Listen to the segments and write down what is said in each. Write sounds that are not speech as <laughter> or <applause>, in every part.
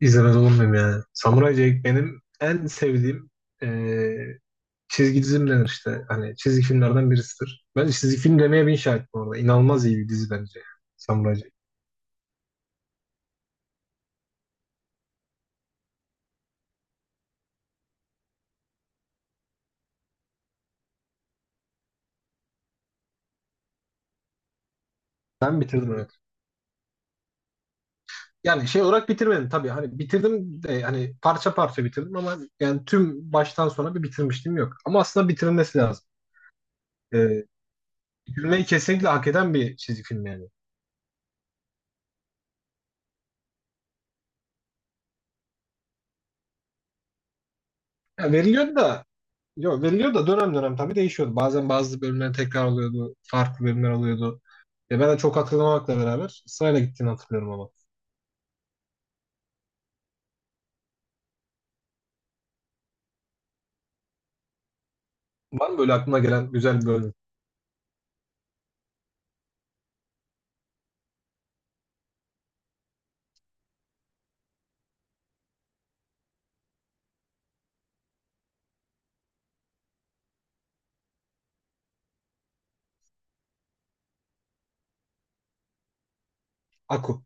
İzlemez olur muyum yani? Samuray Jack benim en sevdiğim eee, çizgi dizimden işte. Hani çizgi filmlerden birisidir. Ben çizgi film demeye bin şahit bu arada. İnanılmaz iyi bir dizi bence. Yani, Samuray Jack. Ben bitirdim, evet. Yani şey olarak bitirmedim tabii. Hani bitirdim de hani parça parça bitirdim, ama yani tüm baştan sona bir bitirmişliğim yok. Ama aslında bitirilmesi lazım. Eee bitirmeyi kesinlikle hak eden bir çizgi film yani. Ya veriliyor da. Yok, veriliyor da dönem dönem tabii değişiyordu. Bazen bazı bölümler tekrar oluyordu. Farklı bölümler oluyordu. Ya, ben de çok hatırlamakla beraber sırayla gittiğini hatırlıyorum ama. Var mı böyle aklına gelen güzel bir bölüm? Aku.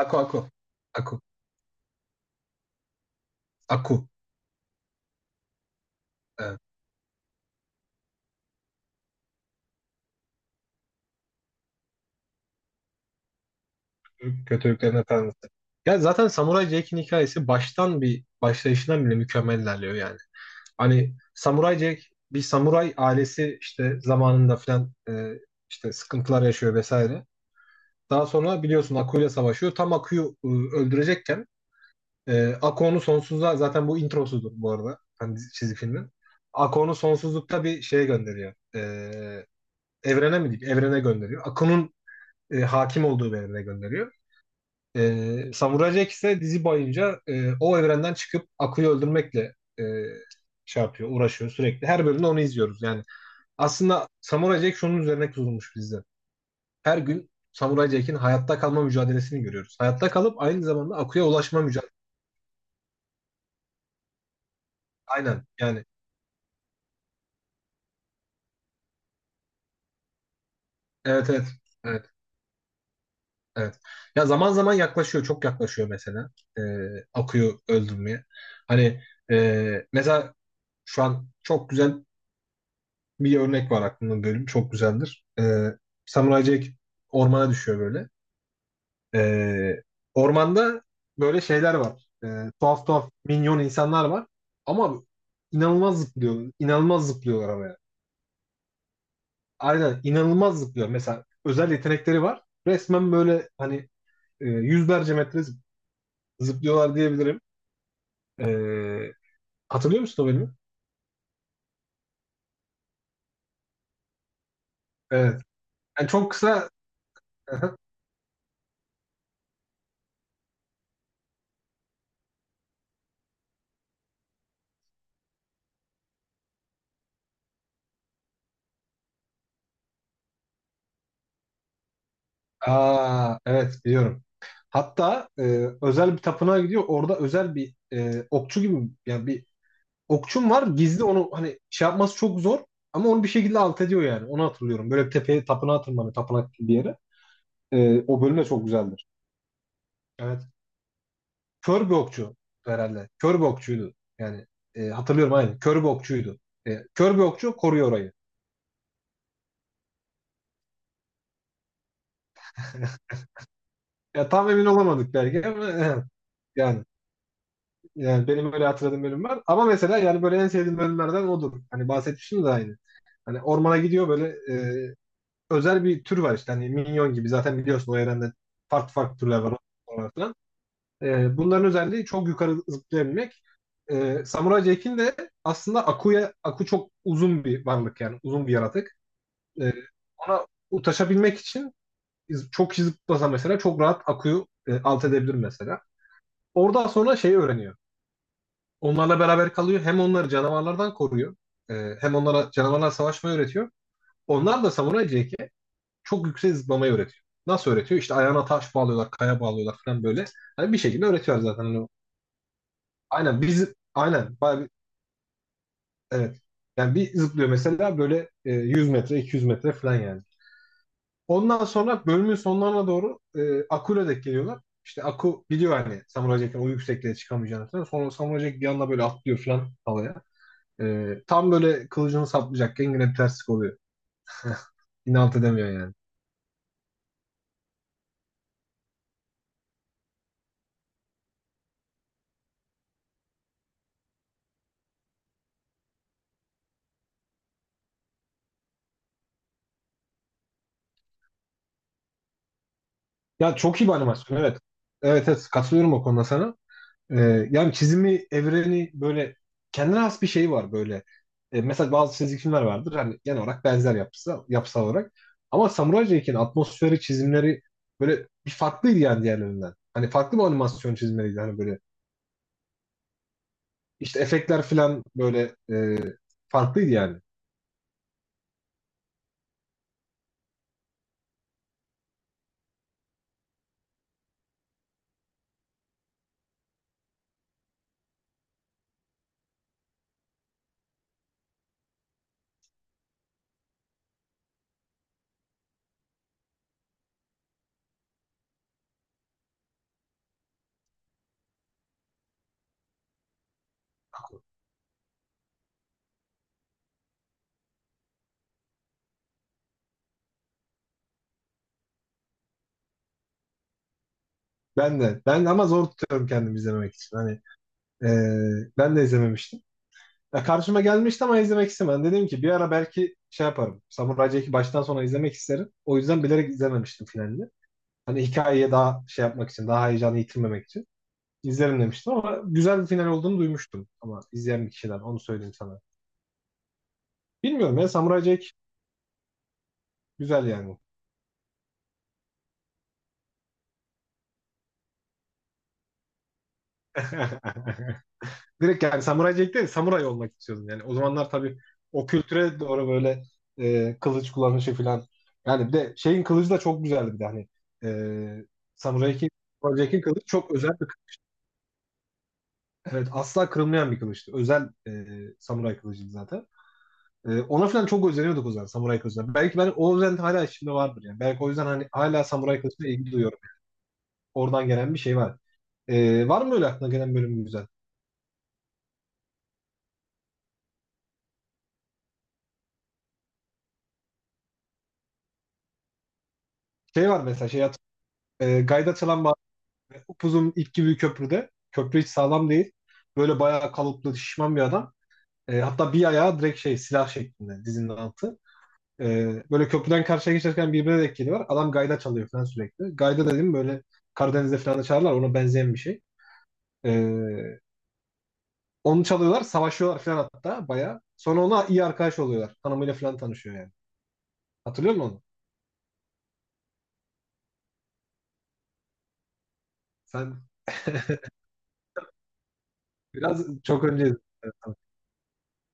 Aku Aku. Aku. Aku. Evet. Kötülüklerin Efendisi. Ya zaten Samuray Jack'in hikayesi baştan bir başlayışından bile mükemmel ilerliyor yani. Hani Samuray Jack bir samuray ailesi işte zamanında filan, işte sıkıntılar yaşıyor vesaire. Daha sonra biliyorsun Aku'yla savaşıyor. Tam Aku'yu öldürecekken Ako'nun sonsuzluğa, zaten bu introsudur bu arada. Hani çizgi filmin. Ako'nun sonsuzlukta bir şeye gönderiyor. Evrene mi diyeyim? Evrene gönderiyor. Ako'nun hakim olduğu bir evrene gönderiyor. Samurai Jack ise dizi boyunca o evrenden çıkıp Ako'yu öldürmekle e, şey yapıyor, uğraşıyor sürekli. Her bölümde onu izliyoruz. Yani aslında Samurai Jack şunun üzerine kurulmuş bizde. Her gün Samurai Jack'in hayatta kalma mücadelesini görüyoruz. Hayatta kalıp aynı zamanda Aku'ya ulaşma mücadelesi. Aynen yani. Evet, evet. Evet. Evet. Ya, zaman zaman yaklaşıyor, çok yaklaşıyor mesela. Ee, akıyor öldürmeye. Hani, mesela şu an çok güzel bir örnek var aklımda bölüm. Çok güzeldir. Samurai Jack ormana düşüyor böyle. Ee, ormanda böyle şeyler var. Tuhaf tuhaf minyon insanlar var. Ama inanılmaz zıplıyor, inanılmaz zıplıyorlar ama yani. Aynen, inanılmaz zıplıyor. Mesela özel yetenekleri var. Resmen böyle hani yüzlerce metre zıplıyorlar diyebilirim. Ee, hatırlıyor musun o bölümü? Evet. Yani çok kısa. <laughs> Aa, evet, biliyorum. Hatta özel bir tapınağa gidiyor. Orada özel bir okçu gibi, yani bir okçum var. Gizli, onu hani şey yapması çok zor. Ama onu bir şekilde alt ediyor yani. Onu hatırlıyorum. Böyle bir tepeye, tapınağa tırmanıyor. Tapınak gibi bir yere. O bölüm de çok güzeldir. Evet. Kör bir okçu herhalde. Kör bir okçuydu. Yani hatırlıyorum aynı. Kör bir okçuydu. Kör bir okçu koruyor orayı. <laughs> Ya tam emin olamadık belki ama <laughs> yani. Yani benim öyle hatırladığım bölüm var. Ama mesela, yani böyle en sevdiğim bölümlerden odur. Hani bahsetmiştim de aynı. Hani ormana gidiyor böyle, e, özel bir tür var işte. Hani minyon gibi, zaten biliyorsun o evrende farklı farklı türler var. Ormanlar falan. Bunların özelliği çok yukarı zıplayabilmek. Samurai Jack'in de aslında Aku'ya, Aku çok uzun bir varlık, yani uzun bir yaratık. E, ona ulaşabilmek için çok zıplasa mesela, çok rahat Aku'yu alt edebilir mesela. Oradan sonra şeyi öğreniyor. Onlarla beraber kalıyor. Hem onları canavarlardan koruyor. Hem onlara canavarlar savaşmayı öğretiyor. Onlar da Samuray Jack'e çok yüksek zıplamayı öğretiyor. Nasıl öğretiyor? İşte ayağına taş bağlıyorlar, kaya bağlıyorlar falan böyle. Hani bir şekilde öğretiyor zaten. Hani aynen, biz aynen bayağı bir, evet. Yani bir zıplıyor mesela böyle, 100 metre, 200 metre falan yani. Ondan sonra bölümün sonlarına doğru Aku'yla denk geliyorlar. İşte Aku biliyor hani Samuray Jack'in o yüksekliğe çıkamayacağını falan. Sonra Samuray Jack bir anda böyle atlıyor falan havaya. Tam böyle kılıcını saplayacakken yine bir terslik oluyor. İnat edemiyor yani. Ya, çok iyi bir animasyon, evet. Evet, evet, katılıyorum o konuda sana. Yani çizimi, evreni böyle kendine has bir şey var böyle. Mesela bazı çizgi filmler vardır hani, genel olarak benzer yapısı, yapısal olarak. Ama Samurai Jack'in atmosferi, çizimleri böyle bir farklıydı yani diğerlerinden. Hani farklı bir animasyon çizimleriydi hani, böyle. İşte efektler falan böyle farklıydı yani. Ben de. Ben ama zor tutuyorum kendimi izlememek için. Hani, Ee, ben de izlememiştim. Ya, karşıma gelmişti ama izlemek istemedim. Dedim ki bir ara belki şey yaparım. Samuray Jack'i baştan sona izlemek isterim. O yüzden bilerek izlememiştim finalini. Hani hikayeye daha şey yapmak için, daha heyecanı yitirmemek için izlerim demiştim ama güzel bir final olduğunu duymuştum. Ama izleyen bir kişiden, onu söyleyeyim sana. Bilmiyorum ya, Samuray Jack güzel yani. <laughs> Direkt yani samuray Jack değil, samuray olmak istiyordum. Yani o zamanlar tabii o kültüre doğru böyle, kılıç kullanışı falan. Yani bir de şeyin kılıcı da çok güzeldi bir de, hani. E, samuray Jack'in Samurai Jack'in kılıcı çok özel bir kılıç. Evet, asla kırılmayan bir kılıçtı. Özel samuray kılıcıydı zaten. Ona falan çok özeniyorduk o zaman samuray kılıcına. Belki ben o özen hala içimde vardır yani. Belki o yüzden hani hala samuray kılıcına ilgi duyuyorum. Oradan gelen bir şey var. Var mı öyle aklına gelen bölüm güzel? Şey var mesela, şey hatırlıyorum. Gayda Çalan. Upuzun ip gibi bir köprüde. Köprü hiç sağlam değil. Böyle bayağı kalıplı, şişman bir adam. Hatta bir ayağı direkt şey, silah şeklinde dizinin altı. E, böyle köprüden karşıya geçerken birbirine denk geliyorlar. Adam gayda çalıyor falan sürekli. Gayda dediğim böyle Karadeniz'de falan da çalarlar. Ona benzeyen bir şey. E, onu çalıyorlar. Savaşıyorlar falan hatta, bayağı. Sonra ona iyi arkadaş oluyorlar. Hanımıyla falan tanışıyor yani. Hatırlıyor musun onu? Sen <laughs> biraz çok önce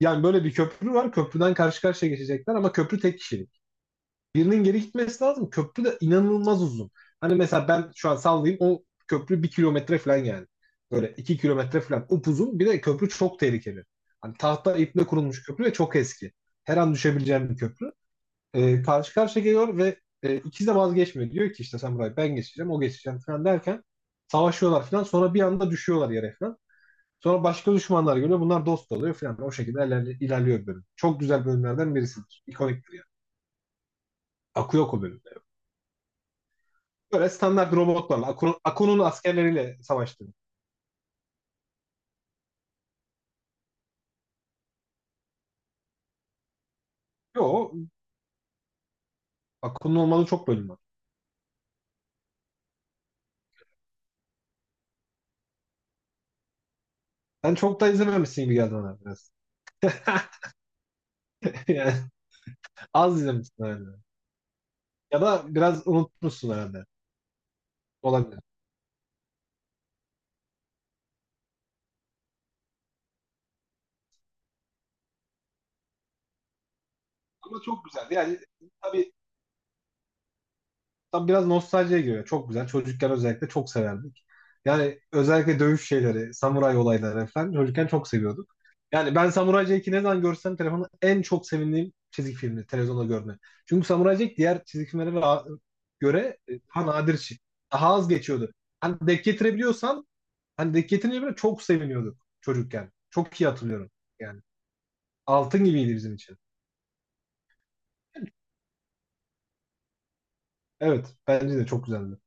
yani, böyle bir köprü var. Köprüden karşı karşıya geçecekler ama köprü tek kişilik. Birinin geri gitmesi lazım. Köprü de inanılmaz uzun. Hani mesela, ben şu an sallayayım, o köprü 1 kilometre falan yani. Böyle 2 kilometre falan upuzun. Bir de köprü çok tehlikeli. Hani tahta iple kurulmuş köprü ve çok eski. Her an düşebileceğim bir köprü. Karşı karşıya geliyor ve ikisi de vazgeçmiyor. Diyor ki, işte sen burayı, ben geçeceğim, o geçeceğim falan derken savaşıyorlar falan. Sonra bir anda düşüyorlar yere falan. Sonra başka düşmanlar geliyor. Bunlar dost oluyor falan. O şekilde ilerliyor bölüm. Çok güzel bölümlerden birisidir. İkoniktir yani. Akıyor o bölüm. Böyle standart robotlarla, Akun'un askerleriyle savaştı. Yo, Akun'un olmadığı çok bölüm var. Sen çok da izlememişsin gibi geldi bana biraz. <laughs> Yani az izlemişsin herhalde. Ya da biraz unutmuşsun herhalde. Olabilir. Ama çok güzeldi. Yani tabii. Tam biraz nostaljiye giriyor. Çok güzel. Çocukken özellikle çok severdik. Yani özellikle dövüş şeyleri, samuray olayları falan çocukken çok seviyorduk. Yani ben Samuray Jack'i ne zaman görsem telefonda, en çok sevindiğim çizgi filmi televizyonda görme. Çünkü Samuray Jack diğer çizgi filmlere göre daha nadir şey. Daha az geçiyordu. Hani denk getirebiliyorsan, hani denk getirince bile çok seviniyorduk çocukken. Çok iyi hatırlıyorum. Yani altın gibiydi bizim için. Evet, bence de çok güzeldi.